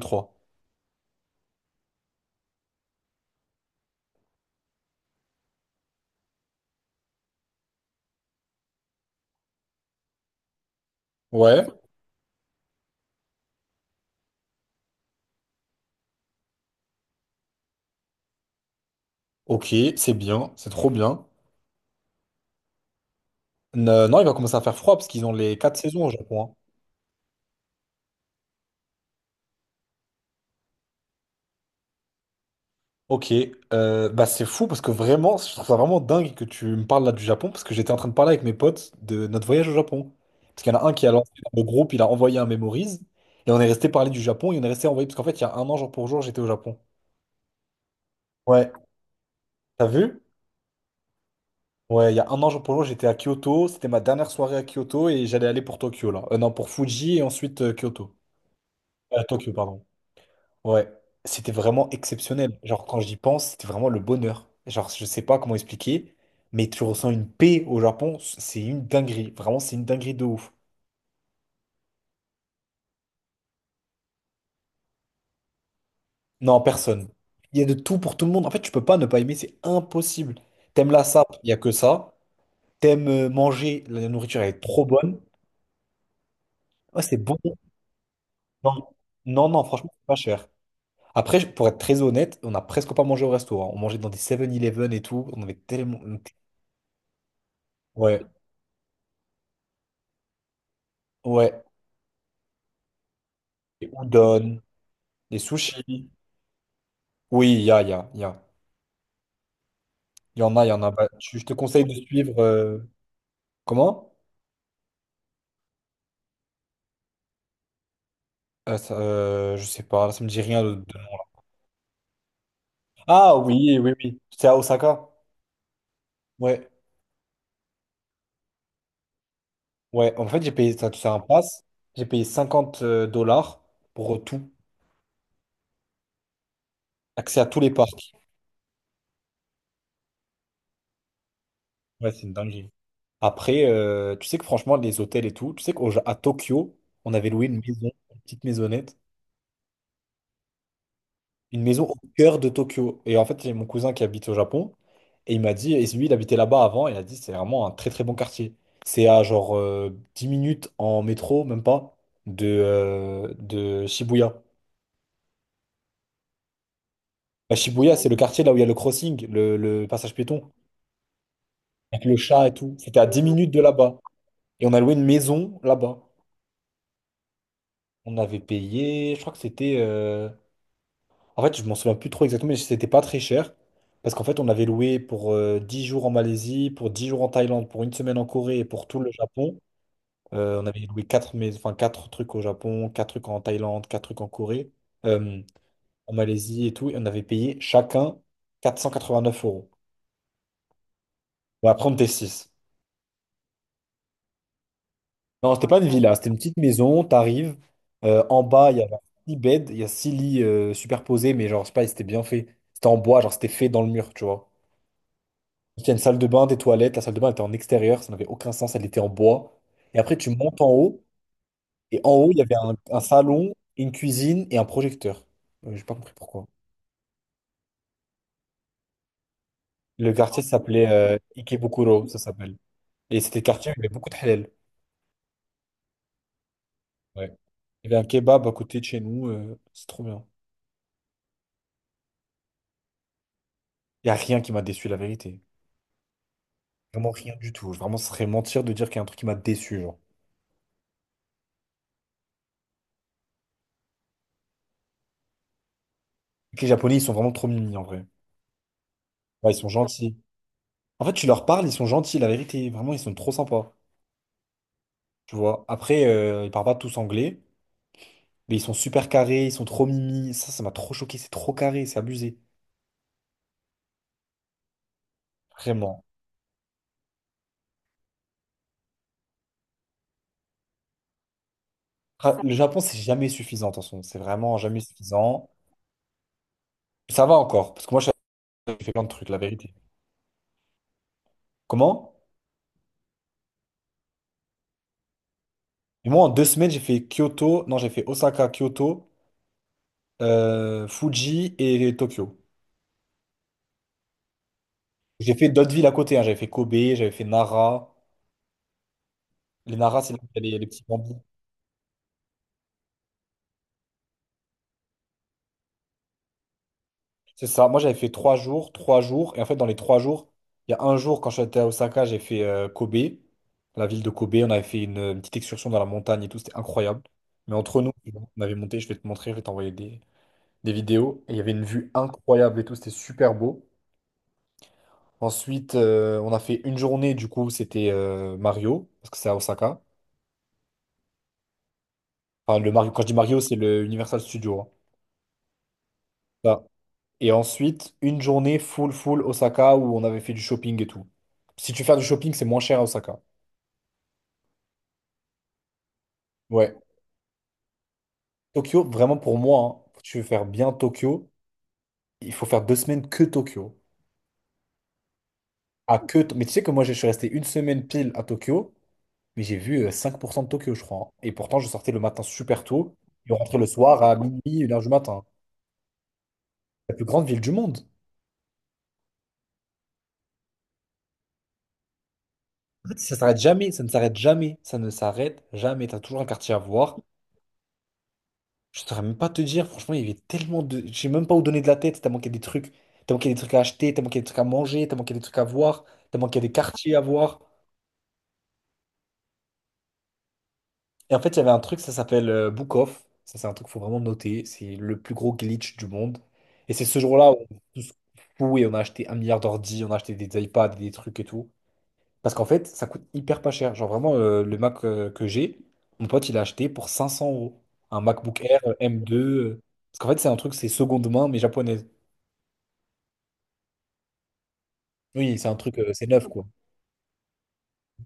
3. Ouais, ok, c'est bien, c'est trop bien. Non, il va commencer à faire froid parce qu'ils ont les 4 saisons au Japon, hein. Ok, bah c'est fou parce que vraiment, je trouve ça vraiment dingue que tu me parles là du Japon parce que j'étais en train de parler avec mes potes de notre voyage au Japon. Parce qu'il y en a un qui a lancé dans le groupe, il a envoyé un Memories et on est resté parler du Japon et on est resté envoyé parce qu'en fait, il y a un an jour pour jour, j'étais au Japon. Ouais, t'as vu? Ouais, il y a un an jour pour jour, j'étais à Kyoto, c'était ma dernière soirée à Kyoto et j'allais aller pour Tokyo là. Non, pour Fuji et ensuite Kyoto. Tokyo, pardon. Ouais, c'était vraiment exceptionnel. Genre, quand j'y pense, c'était vraiment le bonheur. Genre, je sais pas comment expliquer, mais tu ressens une paix au Japon, c'est une dinguerie. Vraiment, c'est une dinguerie de ouf. Non, personne. Il y a de tout pour tout le monde. En fait, tu peux pas ne pas aimer, c'est impossible. T'aimes la sape, il y a que ça. T'aimes manger, la nourriture elle est trop bonne. Ouais, c'est bon. Non, non, non, franchement, c'est pas cher. Après, pour être très honnête, on n'a presque pas mangé au resto, hein. On mangeait dans des Seven eleven et tout. On avait tellement. Ouais, ouais. Et udon. Les sushis. Oui, il y a, il y a, il y a. Il y en a, il y en a. Bah, je te conseille de suivre. Comment? Ça, je sais pas, ça me dit rien. Ah oui, oui, oui. C'est à Osaka. Ouais, ouais. En fait, j'ai payé ça, c'est un pass. J'ai payé 50 dollars pour tout. Accès à tous les parcs. Ouais, c'est une dinguerie. Après, tu sais que franchement, les hôtels et tout, tu sais qu'à Tokyo, on avait loué une maison, une petite maisonnette, une maison au cœur de Tokyo. Et en fait, j'ai mon cousin qui habite au Japon. Et il m'a dit, et lui, il habitait là-bas avant. Et il a dit, c'est vraiment un très très bon quartier. C'est à genre 10 minutes en métro, même pas, de Shibuya. Bah, Shibuya, c'est le quartier là où il y a le crossing, le passage piéton, avec le chat et tout. C'était à 10 minutes de là-bas. Et on a loué une maison là-bas. On avait payé, je crois que c'était. En fait, je m'en souviens plus trop exactement, mais c'était pas très cher. Parce qu'en fait, on avait loué pour 10 jours en Malaisie, pour 10 jours en Thaïlande, pour une semaine en Corée et pour tout le Japon. On avait loué 4 mais, enfin, quatre trucs au Japon, 4 trucs en Thaïlande, 4 trucs en Corée, euh, en Malaisie et tout. Et on avait payé chacun 489 euros. Bon, après, on était 6. Non, c'était pas une villa, c'était une petite maison. T'arrives, en bas, il y avait 6 beds, il y a 6 lits superposés, mais genre, je sais pas, c'était bien fait. C'était en bois, genre, c'était fait dans le mur, tu vois. Il y a une salle de bain, des toilettes. La salle de bain était en extérieur, ça n'avait aucun sens, elle était en bois. Et après, tu montes en haut, et en haut, il y avait un salon, une cuisine et un projecteur. J'ai pas compris pourquoi. Le quartier s'appelait Ikebukuro, ça s'appelle. Et c'était le quartier où il y avait beaucoup de halal. Ouais. Il y avait un kebab à côté de chez nous, c'est trop bien. Il n'y a rien qui m'a déçu, la vérité. Vraiment rien du tout. Vraiment, ce serait mentir de dire qu'il y a un truc qui m'a déçu, genre. Les Japonais, ils sont vraiment trop mignons, en vrai. Ouais, ils sont gentils. En fait, tu leur parles, ils sont gentils, la vérité. Vraiment, ils sont trop sympas. Tu vois. Après, ils parlent pas tous anglais, mais ils sont super carrés, ils sont trop mimi. Ça m'a trop choqué, c'est trop carré, c'est abusé. Vraiment. Ah, le Japon, c'est jamais suffisant, attention. C'est vraiment jamais suffisant. Ça va encore, parce que moi, j'ai fait plein de trucs, la vérité. Comment? Et moi, en deux semaines, j'ai fait Kyoto, non, j'ai fait Osaka, Kyoto, Fuji et Tokyo. J'ai fait d'autres villes à côté, hein. J'avais fait Kobe, j'avais fait Nara. Les Nara, c'est là où il y a les petits bambous. C'est ça. Moi, j'avais fait trois jours, trois jours. Et en fait, dans les trois jours, il y a un jour, quand j'étais à Osaka, j'ai fait Kobe, la ville de Kobe. On avait fait une petite excursion dans la montagne et tout. C'était incroyable. Mais entre nous, on avait monté. Je vais te montrer, je vais t'envoyer des vidéos. Et il y avait une vue incroyable et tout. C'était super beau. Ensuite, on a fait une journée. Du coup, c'était Mario, parce que c'est à Osaka. Enfin, le Mario, quand je dis Mario, c'est le Universal Studio, hein. Et ensuite, une journée full, full Osaka où on avait fait du shopping et tout. Si tu fais du shopping, c'est moins cher à Osaka. Ouais. Tokyo, vraiment pour moi, hein, si tu veux faire bien Tokyo, il faut faire deux semaines que Tokyo. Mais tu sais que moi, je suis resté une semaine pile à Tokyo, mais j'ai vu 5% de Tokyo, je crois, hein. Et pourtant, je sortais le matin super tôt et on rentrait le soir à minuit, 1 heure du matin. La plus grande ville du monde. En fait, ça s'arrête jamais, ça ne s'arrête jamais, ça ne s'arrête jamais. T'as toujours un quartier à voir. Je saurais même pas te dire, franchement, il y avait tellement de. Je sais même pas où donner de la tête, tellement qu'il y a des trucs. Tellement qu'il y a des trucs à acheter, tellement qu'il y a des trucs à manger, tellement qu'il y a des trucs à voir, tellement qu'il y a des quartiers à voir. Et en fait, il y avait un truc, ça s'appelle Book Off. Ça, c'est un truc qu'il faut vraiment noter. C'est le plus gros glitch du monde. Et c'est ce jour-là où on est tous fous et on a acheté un milliard d'ordi, on a acheté des iPads, des trucs et tout. Parce qu'en fait, ça coûte hyper pas cher. Genre vraiment, le Mac que j'ai, mon pote, il a acheté pour 500 euros. Un MacBook Air M2. Parce qu'en fait, c'est un truc, c'est seconde main, mais japonaise. Oui, c'est un truc, c'est neuf, quoi.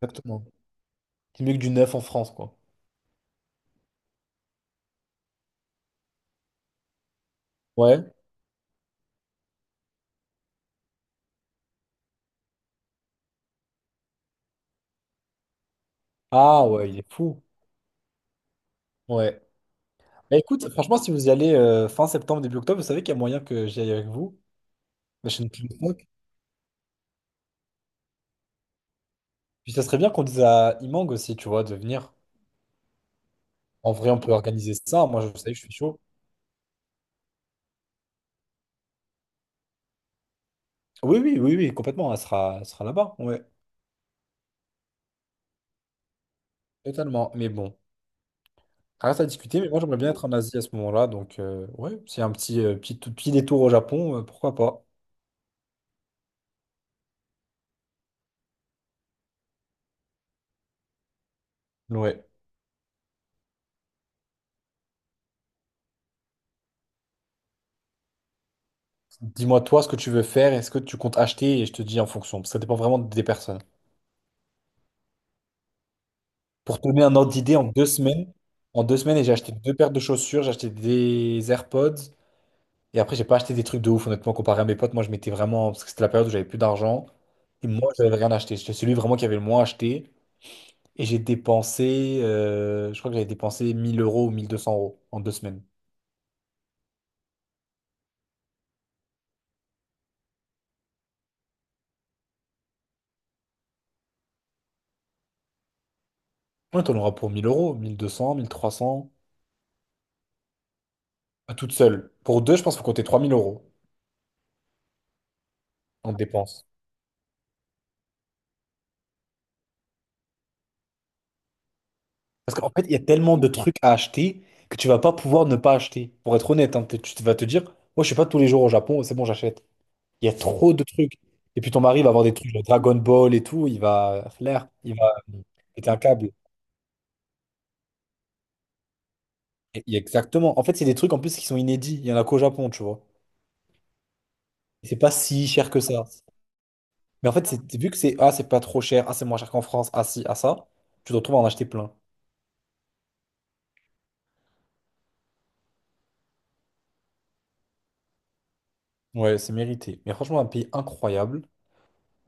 Exactement. C'est mieux que du neuf en France, quoi. Ouais. Ah ouais, il est fou. Ouais. Bah écoute, franchement, si vous y allez fin septembre, début octobre, vous savez qu'il y a moyen que j'y aille avec vous. La chaîne Plunk. Puis ça serait bien qu'on dise à Imang aussi, tu vois, de venir. En vrai, on peut organiser ça. Moi, je sais que je suis chaud. Oui, oui, oui, oui, complètement. Elle sera là-bas. Ouais, totalement. Mais bon, ça reste à discuter. Mais moi, j'aimerais bien être en Asie à ce moment-là. Donc, ouais, c'est un tout petit détour au Japon, pourquoi pas. Ouais. Dis-moi toi ce que tu veux faire, est-ce que tu comptes acheter et je te dis en fonction, parce que ça dépend vraiment des personnes. Pour te donner un ordre d'idée, en deux semaines, et j'ai acheté deux paires de chaussures, j'ai acheté des AirPods, et après j'ai pas acheté des trucs de ouf, honnêtement, comparé à mes potes, moi je m'étais vraiment, parce que c'était la période où j'avais plus d'argent, et moi j'avais rien acheté, j'étais celui vraiment qui avait le moins acheté, et j'ai dépensé, je crois que j'avais dépensé 1 000 euros ou 1 200 euros en deux semaines. Ouais, t'en auras pour 1 000 euros, 1 200, 1 300, à toute seule. Pour deux, je pense qu'il faut compter 3 000 euros en dépenses. Parce qu'en fait, il y a tellement de trucs à acheter que tu vas pas pouvoir ne pas acheter. Pour être honnête, hein, tu vas te dire, moi, je suis pas tous les jours au Japon, c'est bon, j'achète. Il y a trop de trucs. Et puis ton mari va avoir des trucs, genre Dragon Ball et tout, il va flair, il va péter un câble. Et exactement. En fait, c'est des trucs en plus qui sont inédits. Il y en a qu'au Japon, tu vois. Et c'est pas si cher que ça. Mais en fait, c'est vu que c'est, ah, c'est pas trop cher, ah, c'est moins cher qu'en France, ah, si, ah, ça, tu te retrouves à en acheter plein. Ouais, c'est mérité. Mais franchement, un pays incroyable.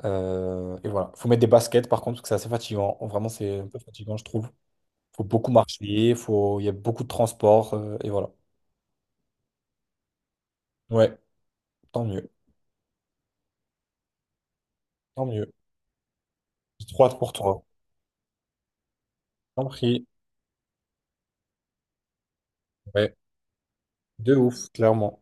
Et voilà. Faut mettre des baskets par contre, parce que c'est assez fatigant. Vraiment, c'est un peu fatigant, je trouve. Faut beaucoup marcher, faut, il y a beaucoup de transport, et voilà. Ouais, tant mieux. Tant mieux. J'ai trop hâte pour toi. Tant pris. Ouais, de ouf, clairement.